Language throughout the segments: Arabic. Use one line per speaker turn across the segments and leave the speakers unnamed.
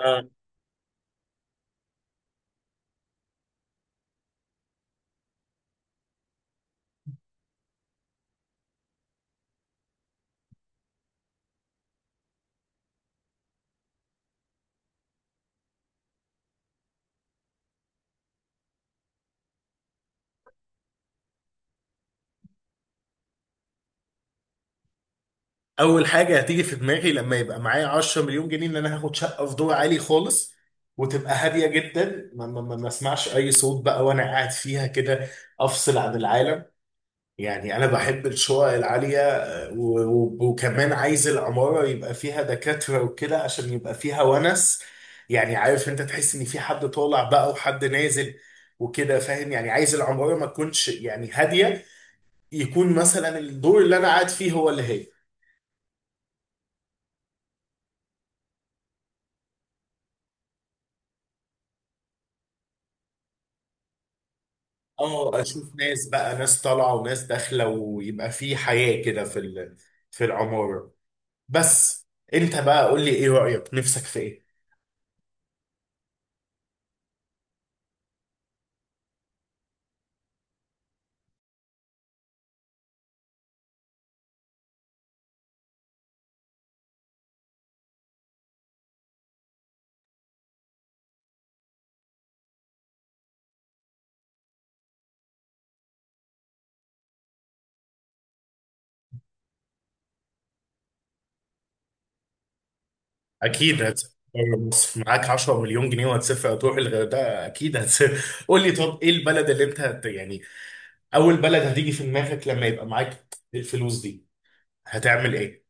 آه. اول حاجه هتيجي في دماغي لما يبقى معايا 10 مليون جنيه ان انا هاخد شقه في دور عالي خالص، وتبقى هاديه جدا، ما اسمعش اي صوت بقى وانا قاعد فيها كده، افصل عن العالم. يعني انا بحب الشقق العاليه، وكمان عايز العماره يبقى فيها دكاتره وكده عشان يبقى فيها ونس. يعني عارف، انت تحس ان في حد طالع بقى وحد نازل وكده، فاهم. يعني عايز العماره ما تكونش يعني هاديه، يكون مثلا الدور اللي انا قاعد فيه هو اللي هادي. اه، اشوف ناس بقى، ناس طالعه وناس داخله ويبقى في حياه كده في العماره. بس، انت بقى قول لي ايه رايك، نفسك في ايه؟ اكيد هتسافر بره مصر، معاك 10 مليون جنيه، وهتسافر تروح الغردقه، اكيد هتسافر قول لي، طب ايه البلد اللي انت يعني اول بلد هتيجي في دماغك لما يبقى معاك الفلوس دي، هتعمل ايه؟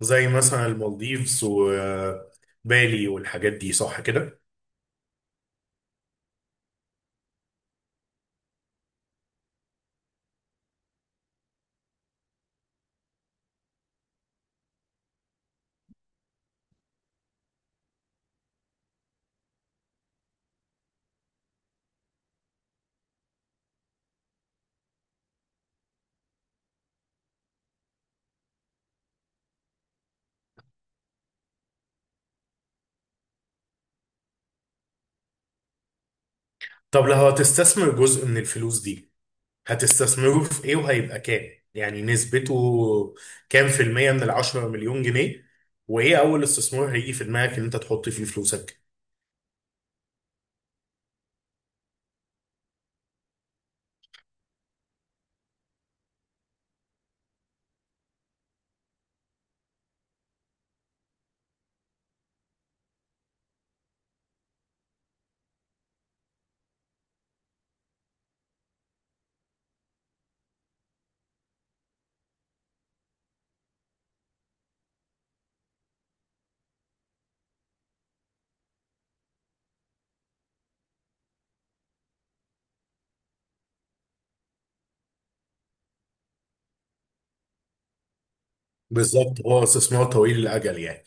زي مثلا المالديفز وبالي والحاجات دي، صح كده؟ طب لو هتستثمر جزء من الفلوس دي، هتستثمره في ايه؟ وهيبقى كام يعني نسبته، كام في المية من 10 مليون جنيه؟ وايه اول استثمار هيجي في دماغك ان انت تحط فيه فلوسك؟ بالظبط، هو استثمار طويل الاجل يعني.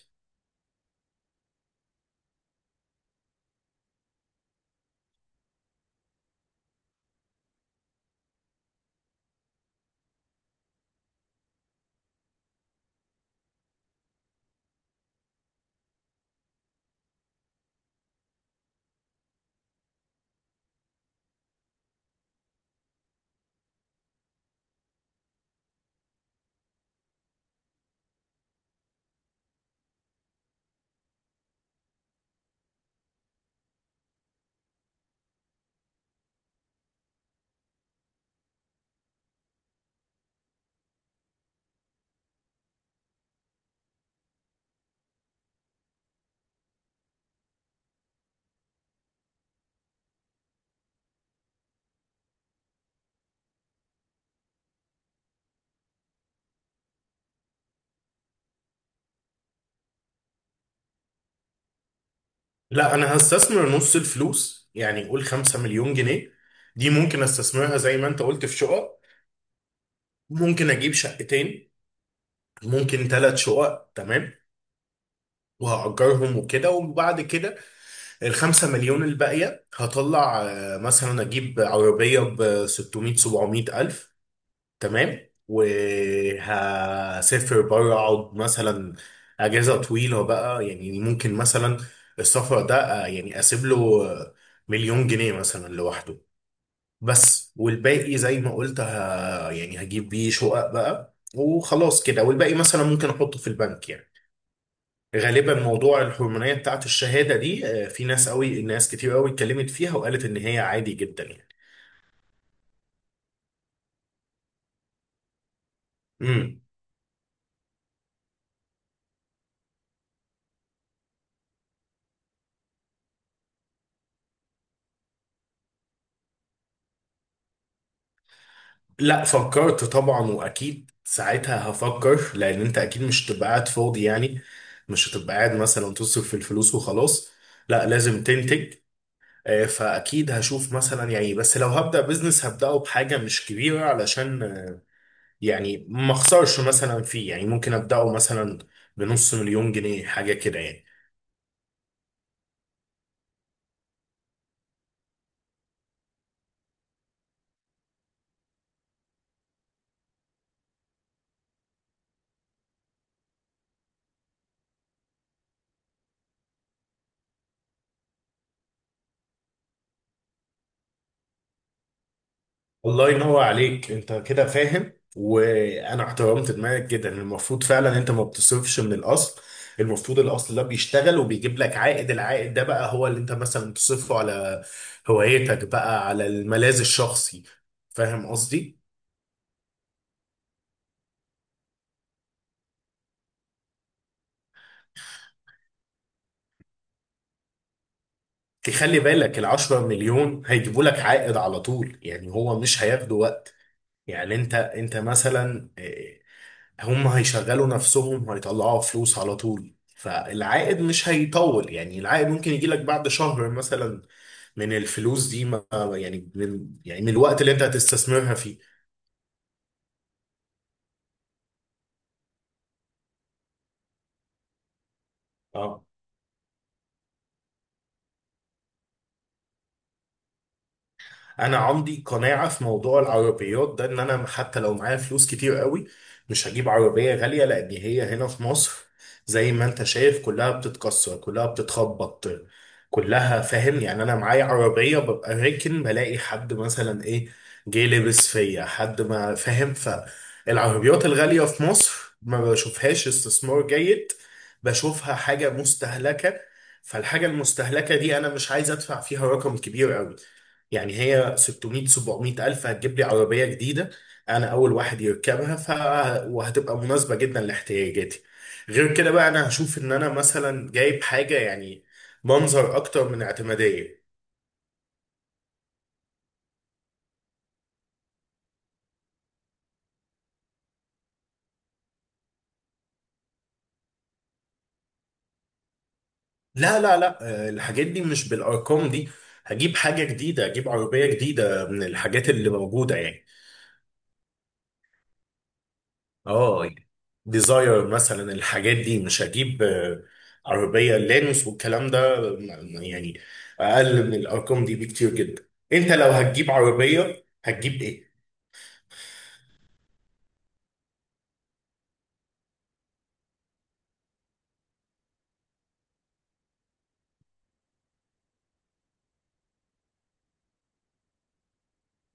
لا، انا هستثمر نص الفلوس، يعني قول 5 مليون جنيه دي ممكن استثمرها زي ما انت قلت في شقق. ممكن اجيب شقتين، ممكن ثلاث شقق. تمام، وهأجرهم وكده. وبعد كده 5 مليون الباقية هطلع، مثلا أجيب عربية ب 600 700 ألف. تمام، وهسافر بره، أقعد مثلا أجازة طويلة بقى يعني، ممكن مثلا السفر ده يعني أسيب له آه، مليون جنيه مثلا لوحده بس. والباقي زي ما قلت، يعني هجيب بيه شقق بقى وخلاص كده، والباقي مثلا ممكن أحطه في البنك يعني. غالبا موضوع الهرمونية بتاعت الشهادة دي، في ناس قوي، ناس كتير قوي اتكلمت فيها وقالت ان هي عادي جدا يعني. امم لا، فكرت طبعا، واكيد ساعتها هفكر، لان انت اكيد مش هتبقى قاعد فاضي يعني، مش هتبقى قاعد مثلا تصرف في الفلوس وخلاص، لا لازم تنتج. فاكيد هشوف مثلا يعني. بس لو هبدأ بزنس هبدأه بحاجة مش كبيرة، علشان يعني ما اخسرش مثلا فيه يعني. ممكن أبدأه مثلا بنص مليون جنيه حاجة كده يعني. الله ينور عليك، انت كده فاهم، وانا احترمت دماغك جدا. المفروض فعلا انت ما بتصرفش من الاصل، المفروض الاصل ده بيشتغل وبيجيب لك عائد، العائد ده بقى هو اللي انت مثلا تصرفه على هوايتك بقى، على الملاذ الشخصي. فاهم قصدي؟ تخلي بالك العشرة مليون هيجيبوا لك عائد على طول يعني، هو مش هياخدوا وقت يعني. انت مثلا، هم هيشغلوا نفسهم وهيطلعوا فلوس على طول، فالعائد مش هيطول يعني، العائد ممكن يجي لك بعد شهر مثلا من الفلوس دي، ما يعني من يعني من الوقت اللي انت هتستثمرها فيه. اه، انا عندي قناعه في موضوع العربيات ده، ان انا حتى لو معايا فلوس كتير قوي مش هجيب عربيه غاليه، لان هي هنا في مصر، زي ما انت شايف كلها بتتكسر، كلها بتتخبط، كلها، فاهم يعني، انا معايا عربيه ببقى راكن بلاقي حد مثلا ايه جه لبس فيا، حد ما فاهم. فالعربيات الغاليه في مصر ما بشوفهاش استثمار جيد، بشوفها حاجه مستهلكه، فالحاجه المستهلكه دي انا مش عايز ادفع فيها رقم كبير قوي. يعني هي 600 700 ألف هتجيب لي عربية جديدة، أنا أول واحد يركبها، وهتبقى مناسبة جدا لاحتياجاتي. غير كده بقى أنا هشوف إن أنا مثلا جايب حاجة يعني منظر أكتر من اعتمادية. لا لا لا، الحاجات دي مش بالأرقام دي، هجيب حاجة جديدة، هجيب عربية جديدة من الحاجات اللي موجودة يعني. اه، ديزاير مثلا الحاجات دي مش هجيب، عربية لانوس والكلام ده يعني اقل من الارقام دي بكتير جدا. انت لو هتجيب عربية هتجيب ايه؟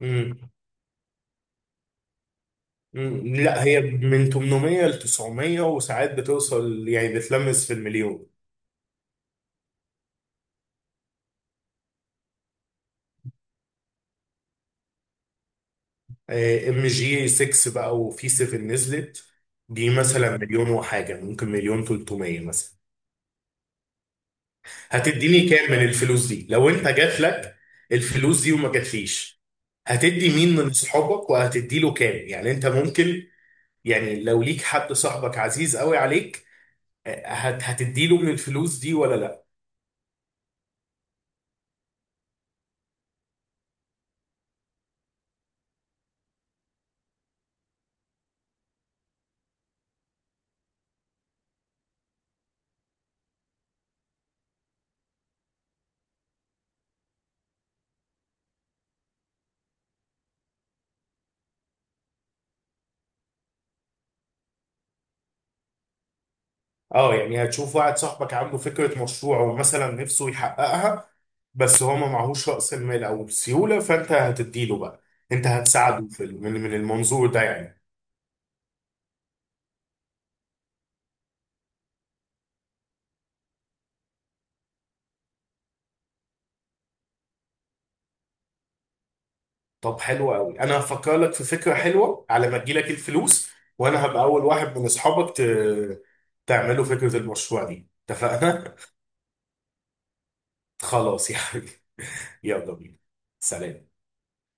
مم. مم. لا، هي من 800 ل 900، وساعات بتوصل يعني بتلمس في المليون. ام جي 6 بقى، وفي 7 نزلت. دي مثلا مليون وحاجة، ممكن مليون 300 مثلا. هتديني كام من الفلوس دي لو انت جات لك الفلوس دي وما جاتليش؟ هتدي مين من صحابك؟ وهتدي له كام يعني؟ انت ممكن يعني، لو ليك حد صاحبك عزيز قوي عليك، آه، هت هتدي له من الفلوس دي ولا لا؟ اه، يعني هتشوف واحد صاحبك عنده فكرة مشروع ومثلا نفسه يحققها، بس هو ما معهوش رأس المال او السيولة، فانت هتدي له بقى. انت هتساعده من المنظور ده يعني. طب حلو قوي، انا هفكر لك في فكره حلوه على ما تجيلك الفلوس، وانا هبقى اول واحد من اصحابك تعملوا فكره المشروع دي، اتفقنا؟ خلاص يا حبيبي، يلا بينا، سلام.